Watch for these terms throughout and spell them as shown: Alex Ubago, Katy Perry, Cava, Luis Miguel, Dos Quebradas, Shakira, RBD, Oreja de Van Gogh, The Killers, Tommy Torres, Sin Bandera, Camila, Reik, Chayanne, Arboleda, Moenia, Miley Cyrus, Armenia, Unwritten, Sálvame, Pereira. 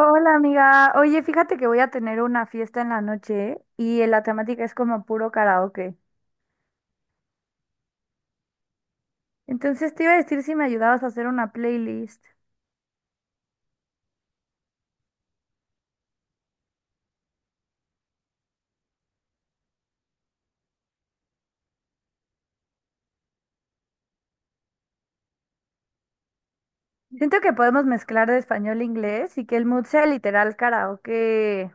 Hola amiga, oye, fíjate que voy a tener una fiesta en la noche y la temática es como puro karaoke. Entonces te iba a decir si me ayudabas a hacer una playlist. Siento que podemos mezclar de español e inglés y que el mood sea literal karaoke.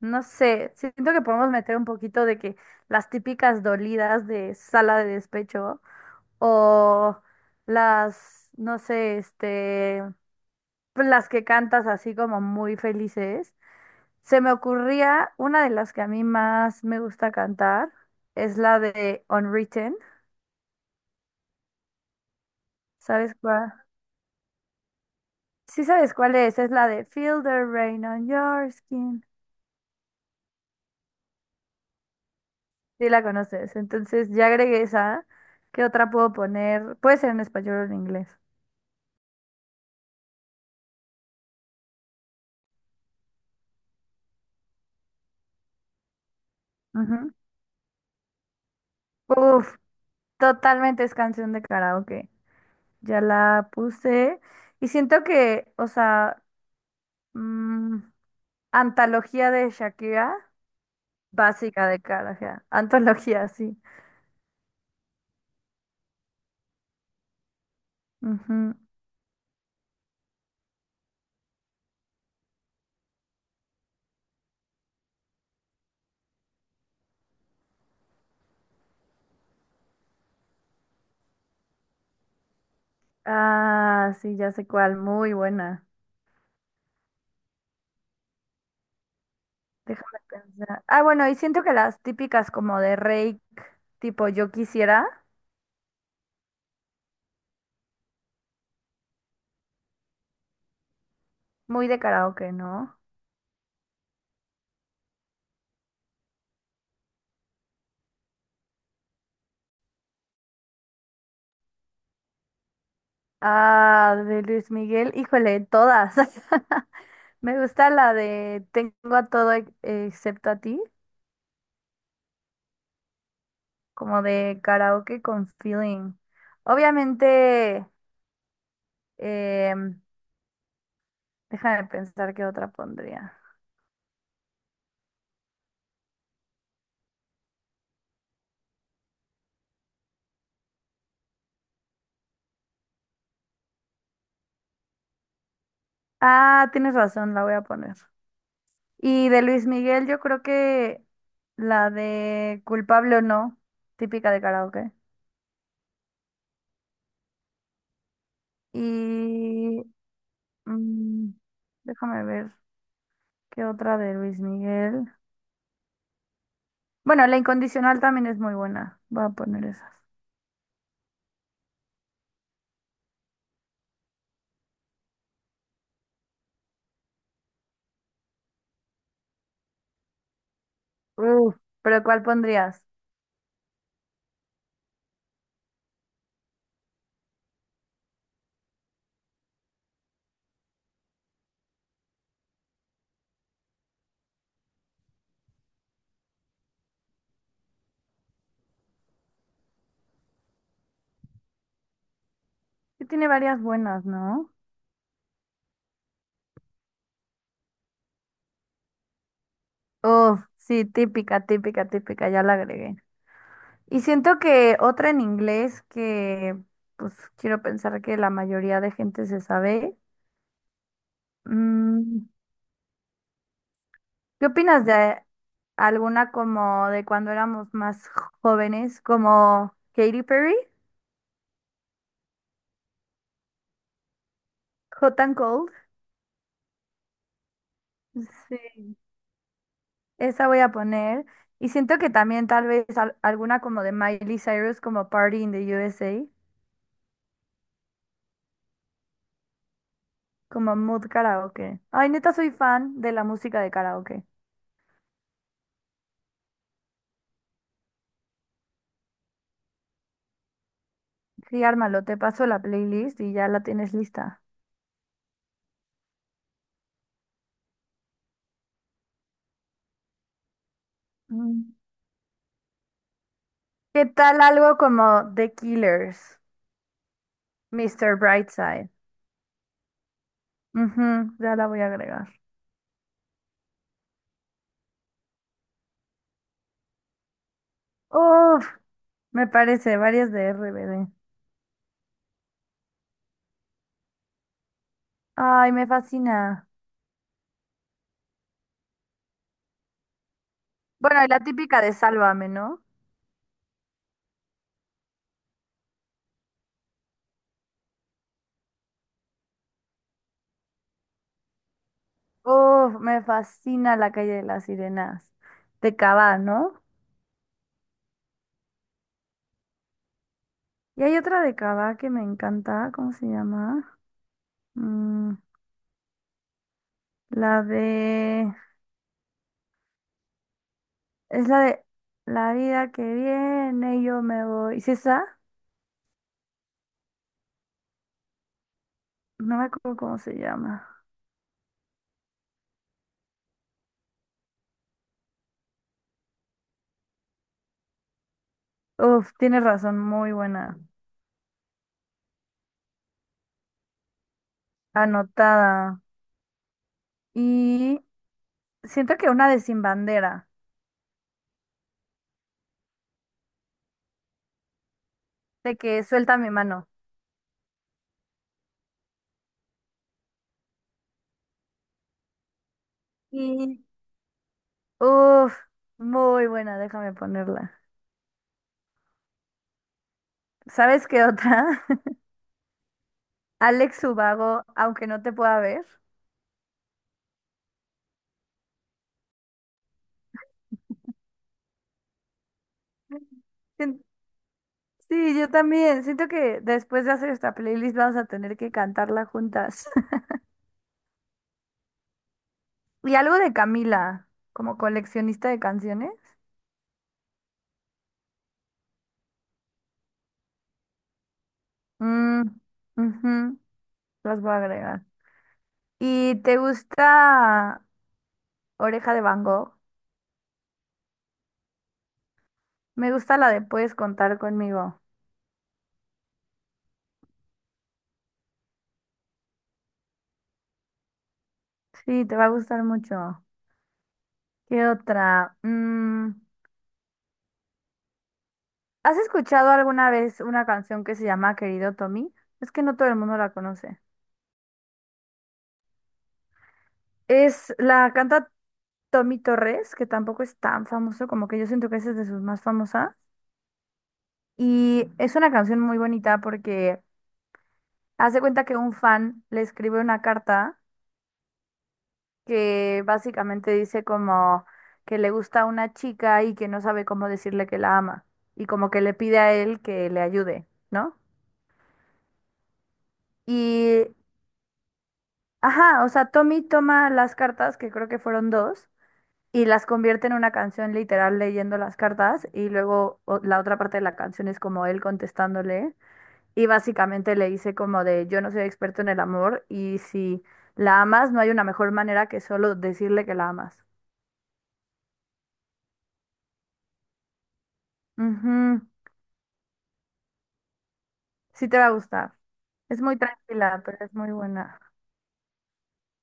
No sé, siento que podemos meter un poquito de que las típicas dolidas de sala de despecho o las, no sé, pues las que cantas así como muy felices. Se me ocurría una de las que a mí más me gusta cantar, es la de Unwritten. ¿Sabes cuál? Sí, sabes cuál es la de Feel the rain on your skin. Sí, la conoces. Entonces ya agregué esa. ¿Qué otra puedo poner? Puede ser en español o en inglés. Ujú. Uf, totalmente es canción de karaoke. Ya la puse. Y siento que, o sea, mm, antología de Shakira, básica de karaoke. Antología, sí. Ujú. Ah, sí, ya sé cuál, muy buena. Déjame pensar. Ah, bueno, y siento que las típicas como de Reik, tipo Yo quisiera, muy de karaoke, ¿no? Ah, de Luis Miguel, híjole, todas. Me gusta la de Tengo a todo ex- excepto a ti, como de karaoke con feeling. Obviamente, em, déjame pensar qué otra pondría. Ah, tienes razón, la voy a poner. Y de Luis Miguel, yo creo que la de culpable o no, típica de karaoke. Y mm, déjame ver qué otra de Luis Miguel. Bueno, la incondicional también es muy buena. Voy a poner esas. Uf, pero ¿cuál pondrías? Sí tiene varias buenas, ¿no? Uf, sí, típica, típica, típica, ya la agregué. Y siento que otra en inglés que pues quiero pensar que la mayoría de gente se sabe. mm, ¿Qué opinas de alguna como de cuando éramos más jóvenes, como Katy Perry, Hot and Cold? Sí. Esa voy a poner. Y siento que también tal vez alguna como de Miley Cyrus, como Party in the USA, como Mood Karaoke. Ay, neta, soy fan de la música de karaoke. Sí, ármalo, te paso la playlist y ya la tienes lista. Mm. ¿Qué tal algo como The Killers, Mr. Brightside? Ujú, ya la voy a agregar. Uf. Me parece, varias de RBD. Ay, me fascina. Bueno, y la típica de Sálvame, ¿no? Uf, me fascina La calle de las sirenas. De Cava, ¿no? Y hay otra de Cava que me encanta. ¿Cómo se llama? Mm, la de... Es la de La vida que viene, yo me voy. ¿Sí es esa? No me acuerdo cómo se llama. Uf, tienes razón, muy buena. Anotada. Y siento que una de Sin Bandera, de que suelta mi mano. Y, uf, muy buena, déjame ponerla. ¿Sabes qué otra? Alex Ubago, aunque no te pueda ver. Sien- Sí, yo también. Siento que después de hacer esta playlist vamos a tener que cantarla juntas. Y algo de Camila, como coleccionista de canciones. Mm, ujú, las voy a agregar. ¿Y te gusta Oreja de Van Gogh? Me gusta la de Puedes contar conmigo. Sí, te va a gustar mucho. ¿Qué otra? ¿Has escuchado alguna vez una canción que se llama Querido Tommy? Es que no todo el mundo la conoce. Es la canta Tommy Torres, que tampoco es tan famoso, como que yo siento que esa es de sus más famosas. Y es una canción muy bonita porque hace cuenta que un fan le escribe una carta que básicamente dice como que le gusta una chica y que no sabe cómo decirle que la ama. Y como que le pide a él que le ayude, ¿no? Y Ajá, o sea, Tommy toma las cartas, que creo que fueron dos, y las convierte en una canción literal leyendo las cartas, y luego la otra parte de la canción es como él contestándole, y básicamente le dice como de yo no soy experto en el amor, y si la amas, no hay una mejor manera que solo decirle que la amas. Ujú, sí te va a gustar. Es muy tranquila, pero es muy buena.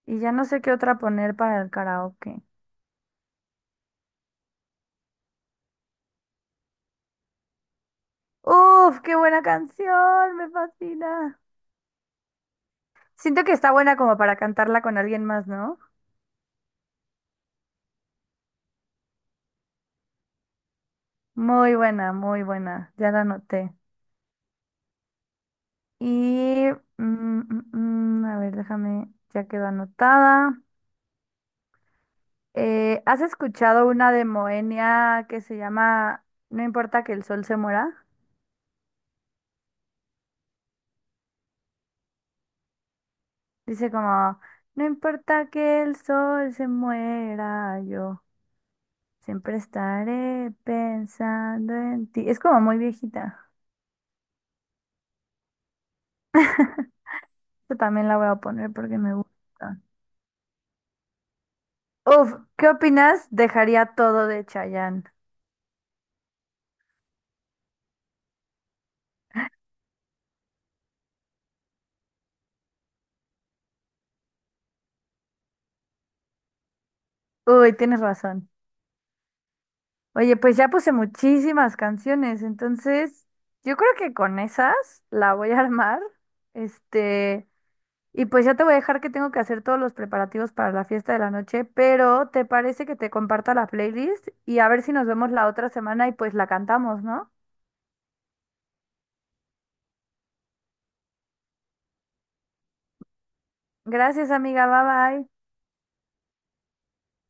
Y ya no sé qué otra poner para el karaoke. Uf, qué buena canción, me fascina. Siento que está buena como para cantarla con alguien más, ¿no? Muy buena, muy buena. Ya la anoté. Y, mm, mm, a ver, déjame, ya quedó anotada. ¿Has escuchado una de Moenia que se llama No importa que el sol se muera? Dice como, no importa que el sol se muera, yo siempre estaré pensando en ti. Es como muy viejita. Yo también la voy a poner porque me gusta. Uf, ¿qué opinas? Dejaría todo de Chayanne. Uy, tienes razón. Oye, pues ya puse muchísimas canciones, entonces yo creo que con esas la voy a armar. Este, y pues ya te voy a dejar que tengo que hacer todos los preparativos para la fiesta de la noche, pero ¿te parece que te comparta la playlist? Y a ver si nos vemos la otra semana y pues la cantamos, ¿no? Gracias, amiga. Bye bye.